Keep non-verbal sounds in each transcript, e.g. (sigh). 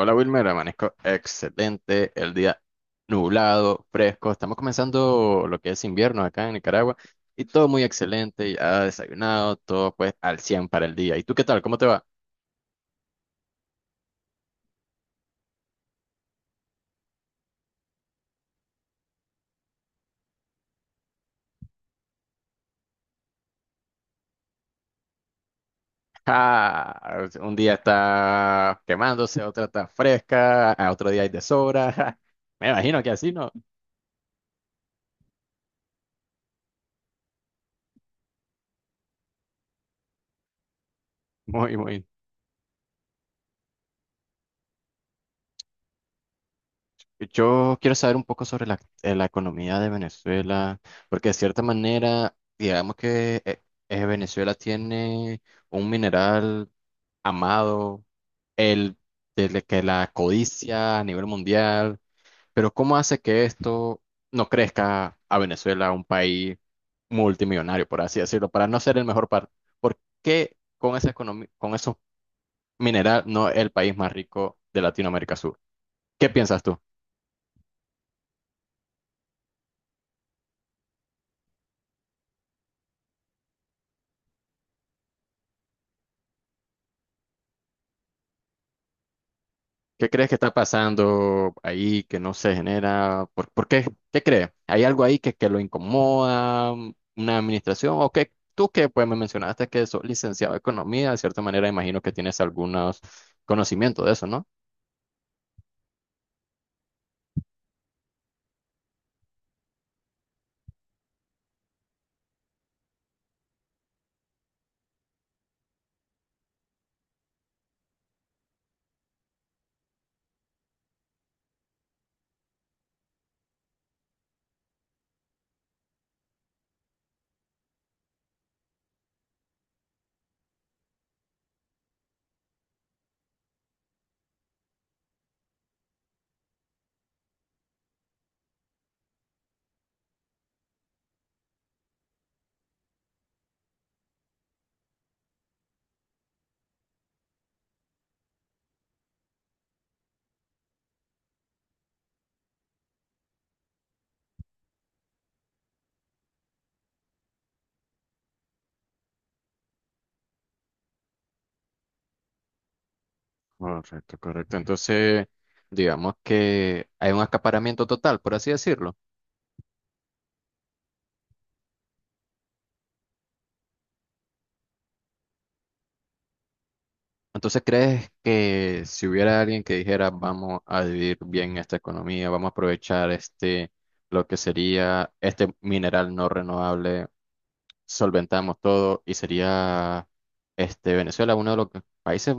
Hola Wilmer, amanezco excelente, el día nublado, fresco, estamos comenzando lo que es invierno acá en Nicaragua y todo muy excelente, ya desayunado, todo pues al 100 para el día. ¿Y tú qué tal? ¿Cómo te va? Ah, un día está quemándose, otro está fresca, a otro día hay de sobra. (laughs) Me imagino que así, ¿no? Muy, muy. Yo quiero saber un poco sobre la economía de Venezuela, porque de cierta manera, digamos que Venezuela tiene un mineral amado, el desde que la codicia a nivel mundial, pero ¿cómo hace que esto no crezca a Venezuela, un país multimillonario, por así decirlo, para no ser el mejor par? ¿Por qué con esa economía, con esos minerales no es el país más rico de Latinoamérica Sur? ¿Qué piensas tú? ¿Qué crees que está pasando ahí que no se genera? ¿Por qué? ¿Qué crees? ¿Hay algo ahí que lo incomoda? ¿Una administración? ¿O qué? Tú que pues me mencionaste que sos licenciado en economía, de cierta manera imagino que tienes algunos conocimientos de eso, ¿no? Correcto, correcto. Entonces, digamos que hay un acaparamiento total, por así decirlo. Entonces, ¿crees que si hubiera alguien que dijera vamos a vivir bien esta economía, vamos a aprovechar este, lo que sería este mineral no renovable? Solventamos todo y sería este Venezuela uno de los países,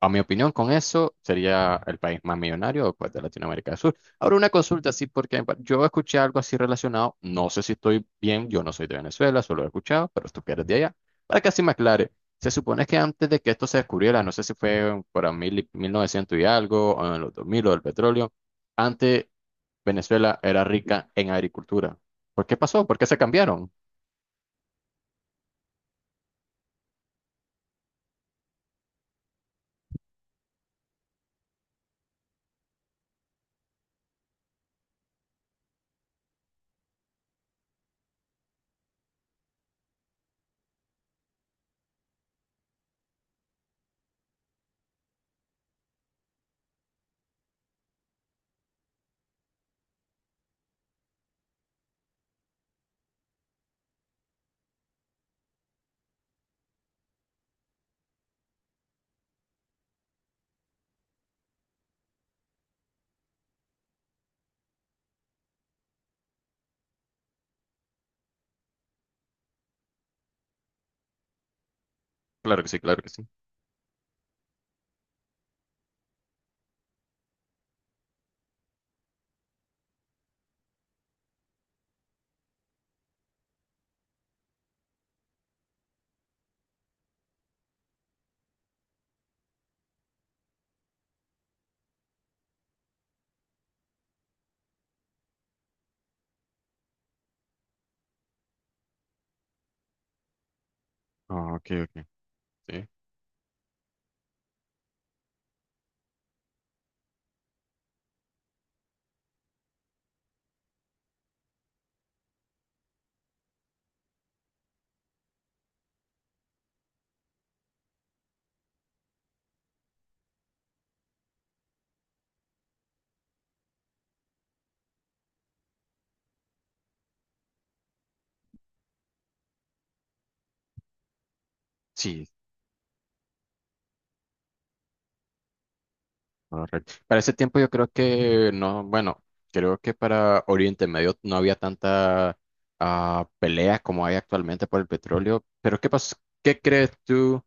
a mi opinión, con eso sería el país más millonario pues, de Latinoamérica del Sur. Ahora una consulta así porque bueno, yo escuché algo así relacionado, no sé si estoy bien, yo no soy de Venezuela, solo he escuchado, pero tú que eres de allá, para que así me aclare. Se supone que antes de que esto se descubriera, no sé si fue por 1900 y algo, o en los 2000 o del petróleo, antes Venezuela era rica en agricultura. ¿Por qué pasó? ¿Por qué se cambiaron? Claro que sí, claro que sí. Ah, ok, ok. Sí, sí, correcto. Para ese tiempo yo creo que no, bueno, creo que para Oriente Medio no había tanta pelea como hay actualmente por el petróleo. Pero ¿qué crees tú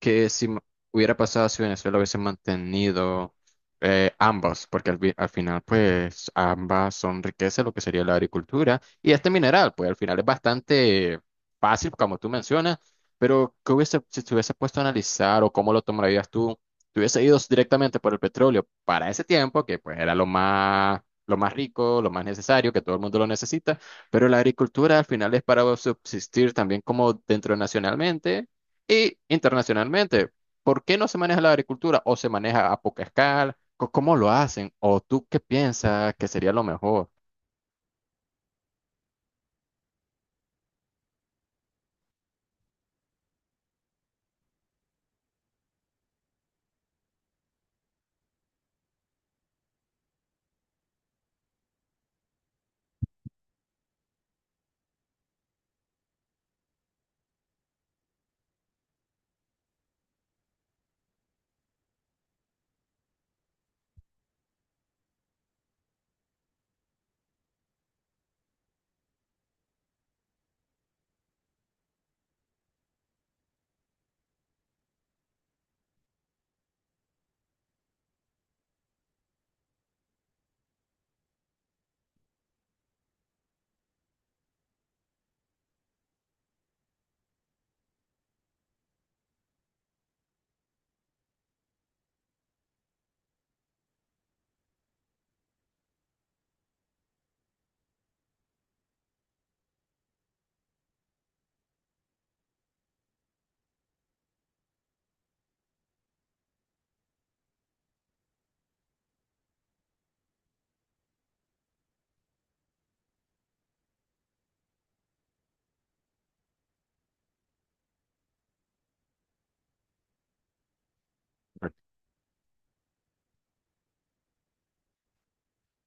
que si hubiera pasado si Venezuela hubiese mantenido ambas? Porque al final, pues, ambas son riquezas, lo que sería la agricultura y este mineral, pues al final es bastante fácil, como tú mencionas. Pero, ¿qué hubiese, si te hubiese puesto a analizar o cómo lo tomarías tú? Si hubiese ido directamente por el petróleo para ese tiempo, que pues era lo más rico, lo más necesario, que todo el mundo lo necesita, pero la agricultura al final es para subsistir también como dentro nacionalmente e internacionalmente. ¿Por qué no se maneja la agricultura o se maneja a poca escala? ¿Cómo lo hacen? ¿O tú qué piensas que sería lo mejor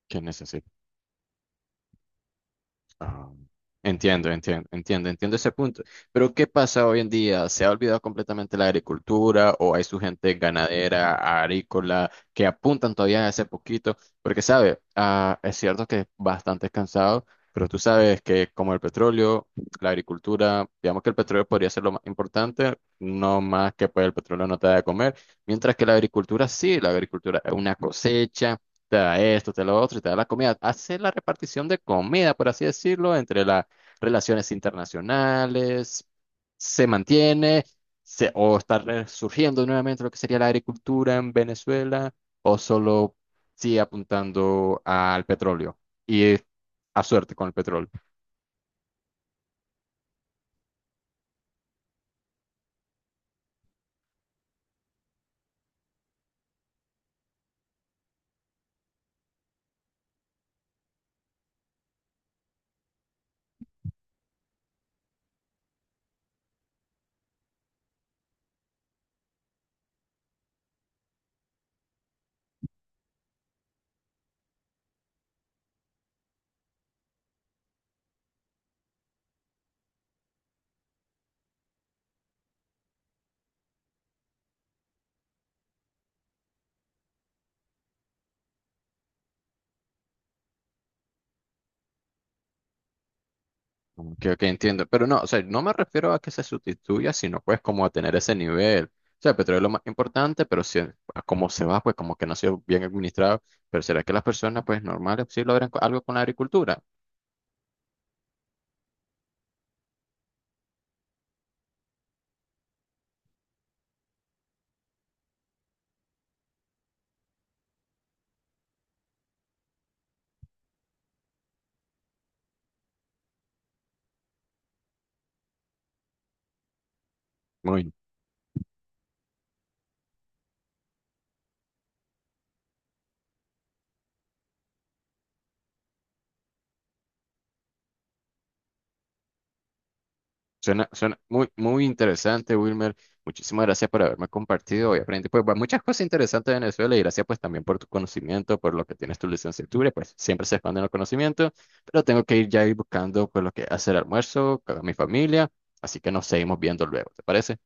que necesitan? Ah, entiendo, entiendo, entiendo, entiendo ese punto. Pero ¿qué pasa hoy en día? ¿Se ha olvidado completamente la agricultura o hay su gente ganadera, agrícola, que apuntan todavía a ese poquito? Porque, sabe, es cierto que es bastante cansado, pero tú sabes que como el petróleo, la agricultura, digamos que el petróleo podría ser lo más importante, no más que pues el petróleo no te da de comer, mientras que la agricultura sí, la agricultura es una cosecha, te da esto, te da lo otro y te da la comida. Hace la repartición de comida, por así decirlo, entre las relaciones internacionales, se mantiene, se, o está resurgiendo nuevamente lo que sería la agricultura en Venezuela, o solo sigue apuntando al petróleo y a suerte con el petróleo. Que, ok, entiendo, pero no, o sea, no me refiero a que se sustituya, sino pues como a tener ese nivel. O sea, el petróleo es lo más importante, pero si, a cómo se va, pues como que no ha sido bien administrado. Pero ¿será que las personas pues normales sí logran algo con la agricultura? Suena, suena muy, muy interesante, Wilmer. Muchísimas gracias por haberme compartido. Hoy aprendí pues, muchas cosas interesantes de Venezuela y gracias pues también por tu conocimiento, por lo que tienes tu licenciatura. Y pues siempre se expanden los conocimientos, pero tengo que ir ya ir buscando pues lo que hacer almuerzo con mi familia. Así que nos seguimos viendo luego, ¿te parece?